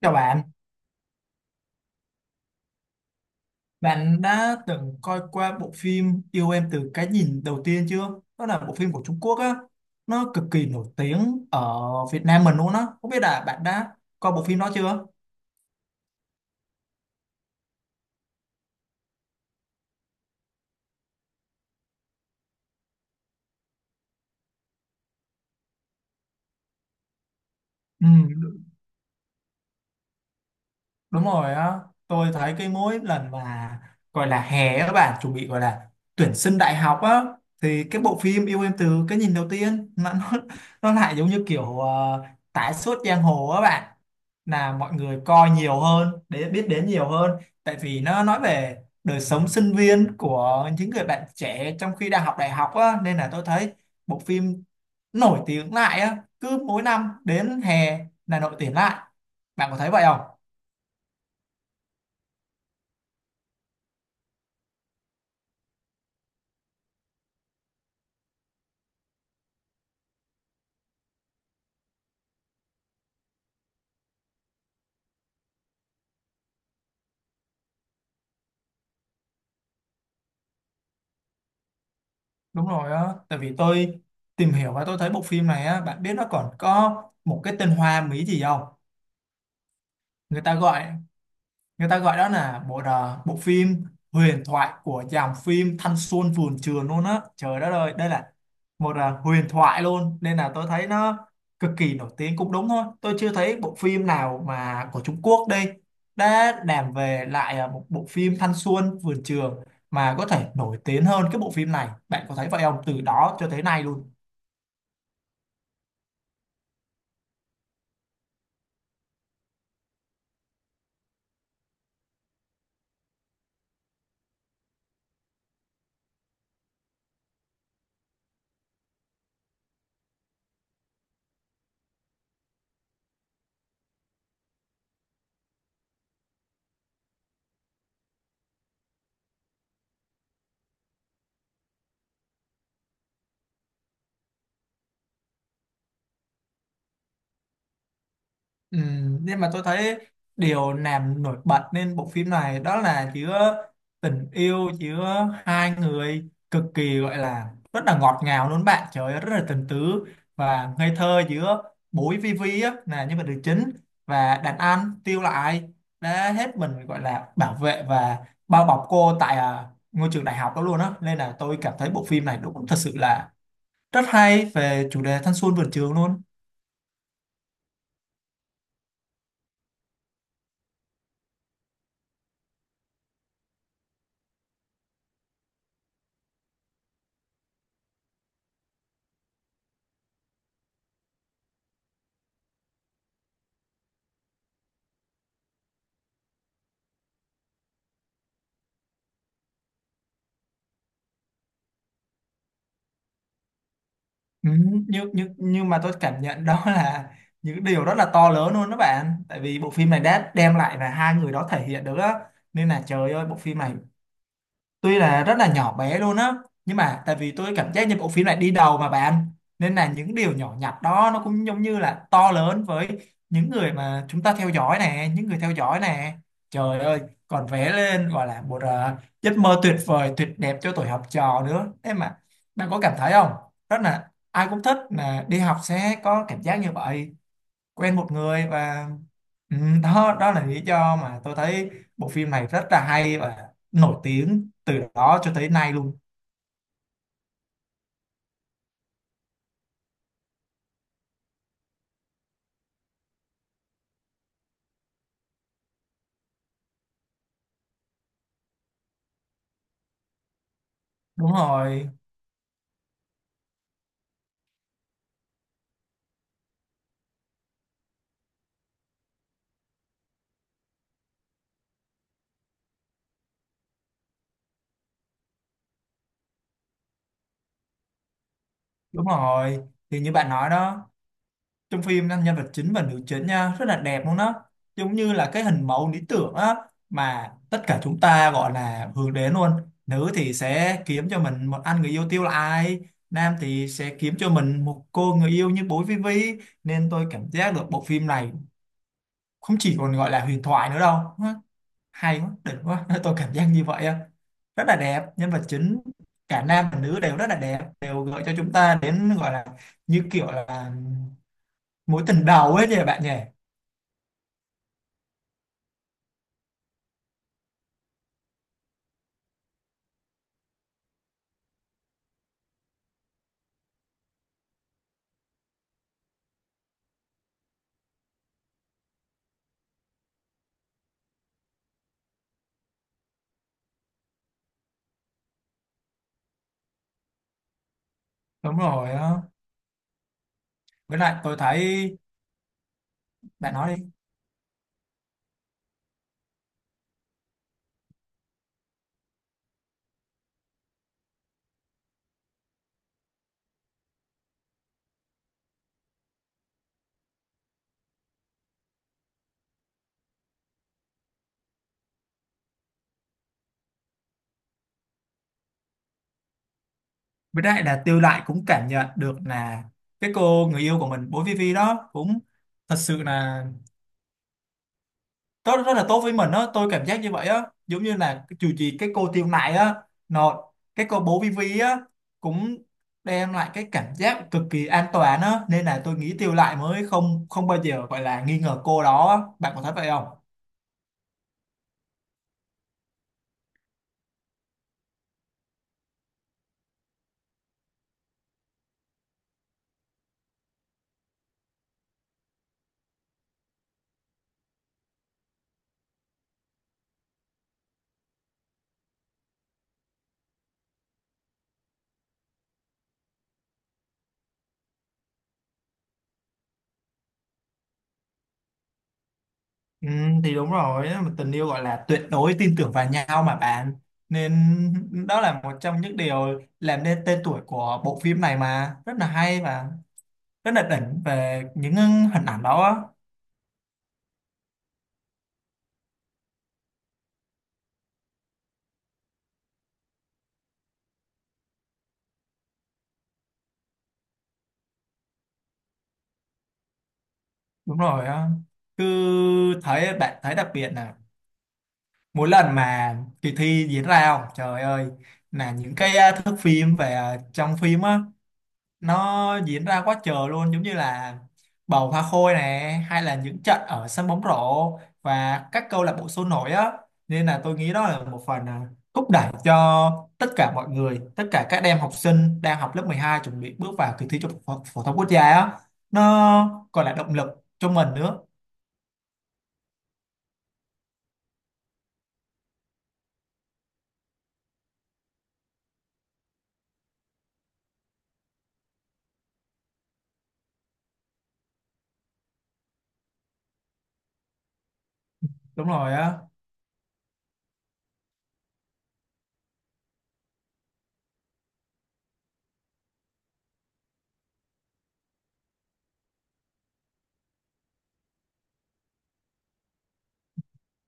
Chào bạn, bạn đã từng coi qua bộ phim Yêu em từ cái nhìn đầu tiên chưa? Đó là bộ phim của Trung Quốc á, nó cực kỳ nổi tiếng ở Việt Nam mình luôn á. Không biết là bạn đã coi bộ phim đó chưa? Ừ, đúng rồi á, tôi thấy cái mỗi lần mà gọi là hè các bạn chuẩn bị gọi là tuyển sinh đại học á, thì cái bộ phim yêu em từ cái nhìn đầu tiên nó lại giống như kiểu tái xuất giang hồ các bạn, là mọi người coi nhiều hơn để biết đến nhiều hơn, tại vì nó nói về đời sống sinh viên của những người bạn trẻ trong khi đang học đại học á, nên là tôi thấy bộ phim nổi tiếng lại á, cứ mỗi năm đến hè là nổi tiếng lại, bạn có thấy vậy không? Đúng rồi á, tại vì tôi tìm hiểu và tôi thấy bộ phim này á, bạn biết nó còn có một cái tên Hoa Mỹ gì không? Người ta gọi, người ta gọi đó là bộ phim huyền thoại của dòng phim Thanh Xuân Vườn Trường luôn á. Trời đất ơi, đây là một huyền thoại luôn, nên là tôi thấy nó cực kỳ nổi tiếng cũng đúng thôi. Tôi chưa thấy bộ phim nào mà của Trung Quốc đây đã làm về lại một bộ phim Thanh Xuân Vườn Trường mà có thể nổi tiếng hơn cái bộ phim này. Bạn có thấy vậy không? Từ đó cho tới nay luôn. Ừ, nhưng mà tôi thấy điều làm nổi bật nên bộ phim này đó là chứa tình yêu, chứa hai người cực kỳ, gọi là rất là ngọt ngào luôn bạn, trời ơi, rất là tình tứ và ngây thơ giữa bối Vivi á là nhân vật nữ chính và đàn anh Tiêu Lại đã hết mình, gọi là bảo vệ và bao bọc cô tại ngôi trường đại học đó luôn á, nên là tôi cảm thấy bộ phim này đúng thật sự là rất hay về chủ đề thanh xuân vườn trường luôn. Ừ, nhưng mà tôi cảm nhận đó là những điều rất là to lớn luôn đó bạn, tại vì bộ phim này đã đem lại là hai người đó thể hiện được á, nên là trời ơi, bộ phim này tuy là rất là nhỏ bé luôn á, nhưng mà tại vì tôi cảm giác như bộ phim này đi đầu mà bạn, nên là những điều nhỏ nhặt đó nó cũng giống như là to lớn với những người mà chúng ta theo dõi nè, những người theo dõi nè, trời ơi, còn vẽ lên gọi là một giấc mơ tuyệt vời tuyệt đẹp cho tuổi học trò nữa thế mà, bạn có cảm thấy không? Rất là ai cũng thích là đi học sẽ có cảm giác như vậy, quen một người và ừ, đó, đó là lý do mà tôi thấy bộ phim này rất là hay và nổi tiếng từ đó cho tới nay luôn. Đúng rồi, đúng rồi, thì như bạn nói đó, trong phim nhân vật chính và nữ chính nha rất là đẹp luôn đó, giống như là cái hình mẫu lý tưởng á mà tất cả chúng ta gọi là hướng đến luôn. Nữ thì sẽ kiếm cho mình một anh người yêu tiêu là ai, nam thì sẽ kiếm cho mình một cô người yêu như bố Vivi, nên tôi cảm giác được bộ phim này không chỉ còn gọi là huyền thoại nữa đâu. Nó hay quá, đỉnh quá tôi cảm giác như vậy á, rất là đẹp nhân vật chính, cả nam và nữ đều rất là đẹp, đều gợi cho chúng ta đến gọi là như kiểu là mối tình đầu ấy nhỉ, bạn nhỉ? Đúng rồi á. Với lại tôi thấy, bạn nói đi. Với lại là Tiêu Lại cũng cảm nhận được là cái cô người yêu của mình bố Vivi đó cũng thật sự là rất rất là tốt với mình á, tôi cảm giác như vậy á, giống như là dù gì cái cô Tiêu Nại á nó, cái cô bố Vivi á cũng đem lại cái cảm giác cực kỳ an toàn á, nên là tôi nghĩ Tiêu Nại mới không không bao giờ gọi là nghi ngờ cô đó á. Bạn có thấy vậy không? Ừ, thì đúng rồi á, mà tình yêu gọi là tuyệt đối tin tưởng vào nhau mà bạn, nên đó là một trong những điều làm nên tên tuổi của bộ phim này, mà rất là hay và rất là đỉnh về những hình ảnh đó á. Đúng rồi á, cứ thấy bạn thấy đặc biệt là mỗi lần mà kỳ thi diễn ra không, trời ơi, là những cái thước phim về trong phim á nó diễn ra quá trời luôn, giống như là bầu hoa khôi này hay là những trận ở sân bóng rổ và các câu lạc bộ sôi nổi á, nên là tôi nghĩ đó là một phần thúc đẩy cho tất cả mọi người, tất cả các em học sinh đang học lớp 12 chuẩn bị bước vào kỳ thi trung học phổ phổ thông quốc gia á, nó còn là động lực cho mình nữa. Đúng rồi á,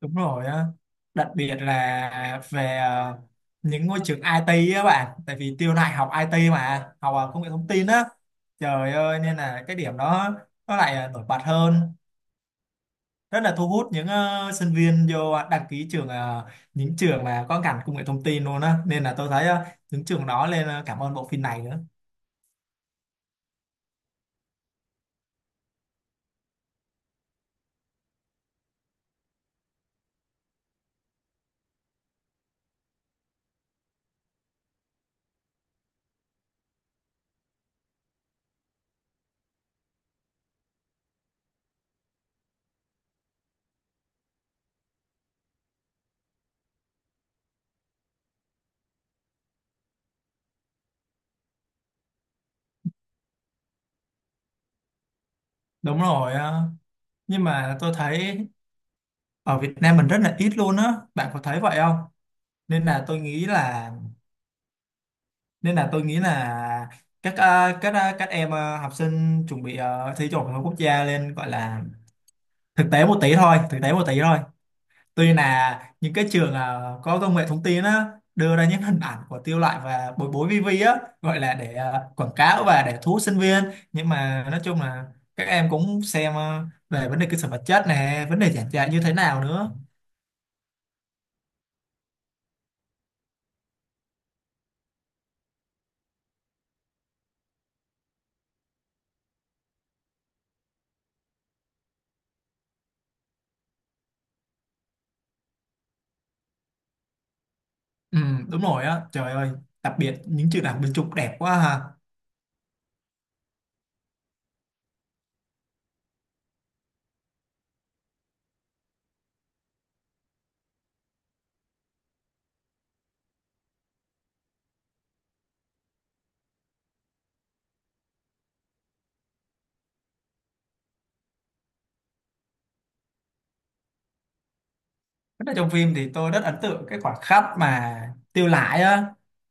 đúng rồi á, đặc biệt là về những ngôi trường IT á bạn, tại vì Tiêu này học IT mà, học công nghệ thông tin á, trời ơi, nên là cái điểm đó nó lại nổi bật hơn, rất là thu hút những sinh viên vô đăng ký trường những trường mà có ngành công nghệ thông tin luôn á, nên là tôi thấy những trường đó lên cảm ơn bộ phim này nữa. Đúng rồi ờ. Nhưng mà tôi thấy ở Việt Nam mình rất là ít luôn á, bạn có thấy vậy không, nên là tôi nghĩ là, nên là tôi nghĩ là các các em học sinh chuẩn bị thi trung học phổ thông quốc gia lên gọi là thực tế một tí thôi, thực tế một tí thôi, tuy là những cái trường có công nghệ thông tin á đưa ra những hình ảnh của Tiêu Loại và Bối Bối vi vi á, gọi là để quảng cáo và để thu hút sinh viên, nhưng mà nói chung là các em cũng xem về vấn đề cơ sở vật chất này, vấn đề giảng dạy như thế nào nữa. Ừ, đúng rồi á, trời ơi, đặc biệt những trường đại học bên Trung đẹp quá ha. Rất là trong phim thì tôi rất ấn tượng cái khoảnh khắc mà Tiêu Lại á,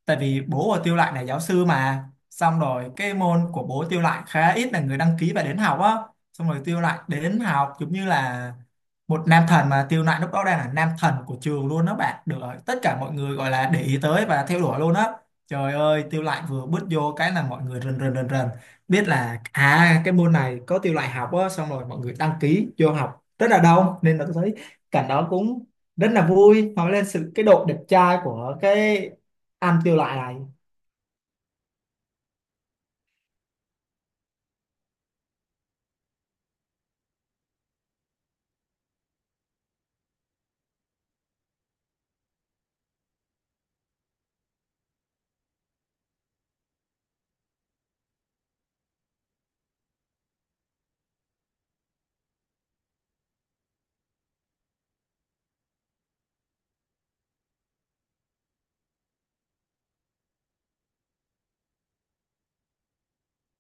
tại vì bố của Tiêu Lại là giáo sư mà, xong rồi cái môn của bố Tiêu Lại khá ít là người đăng ký và đến học á, xong rồi Tiêu Lại đến học giống như là một nam thần, mà Tiêu Nạnh lúc đó đang là nam thần của trường luôn đó bạn, được rồi, tất cả mọi người gọi là để ý tới và theo đuổi luôn á, trời ơi Tiêu Nạnh vừa bước vô cái là mọi người rần rần rần rần biết là à cái môn này có Tiêu Nạnh học á, xong rồi mọi người đăng ký vô học rất là đông, nên là tôi thấy cảnh đó cũng rất là vui, nói lên sự cái độ đẹp trai của cái anh Tiêu Nạnh này.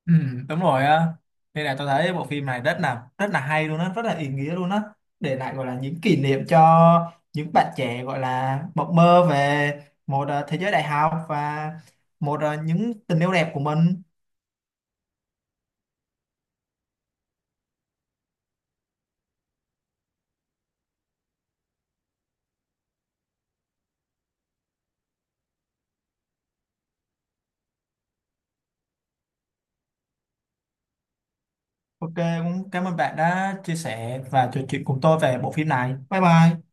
Ừ, đúng rồi á, nên là tôi thấy bộ phim này rất là hay luôn á, rất là ý nghĩa luôn á, để lại gọi là những kỷ niệm cho những bạn trẻ gọi là mộng mơ về một thế giới đại học và một những tình yêu đẹp của mình. OK, cũng cảm ơn bạn đã chia sẻ và trò chuyện cùng tôi về bộ phim này, bye bye.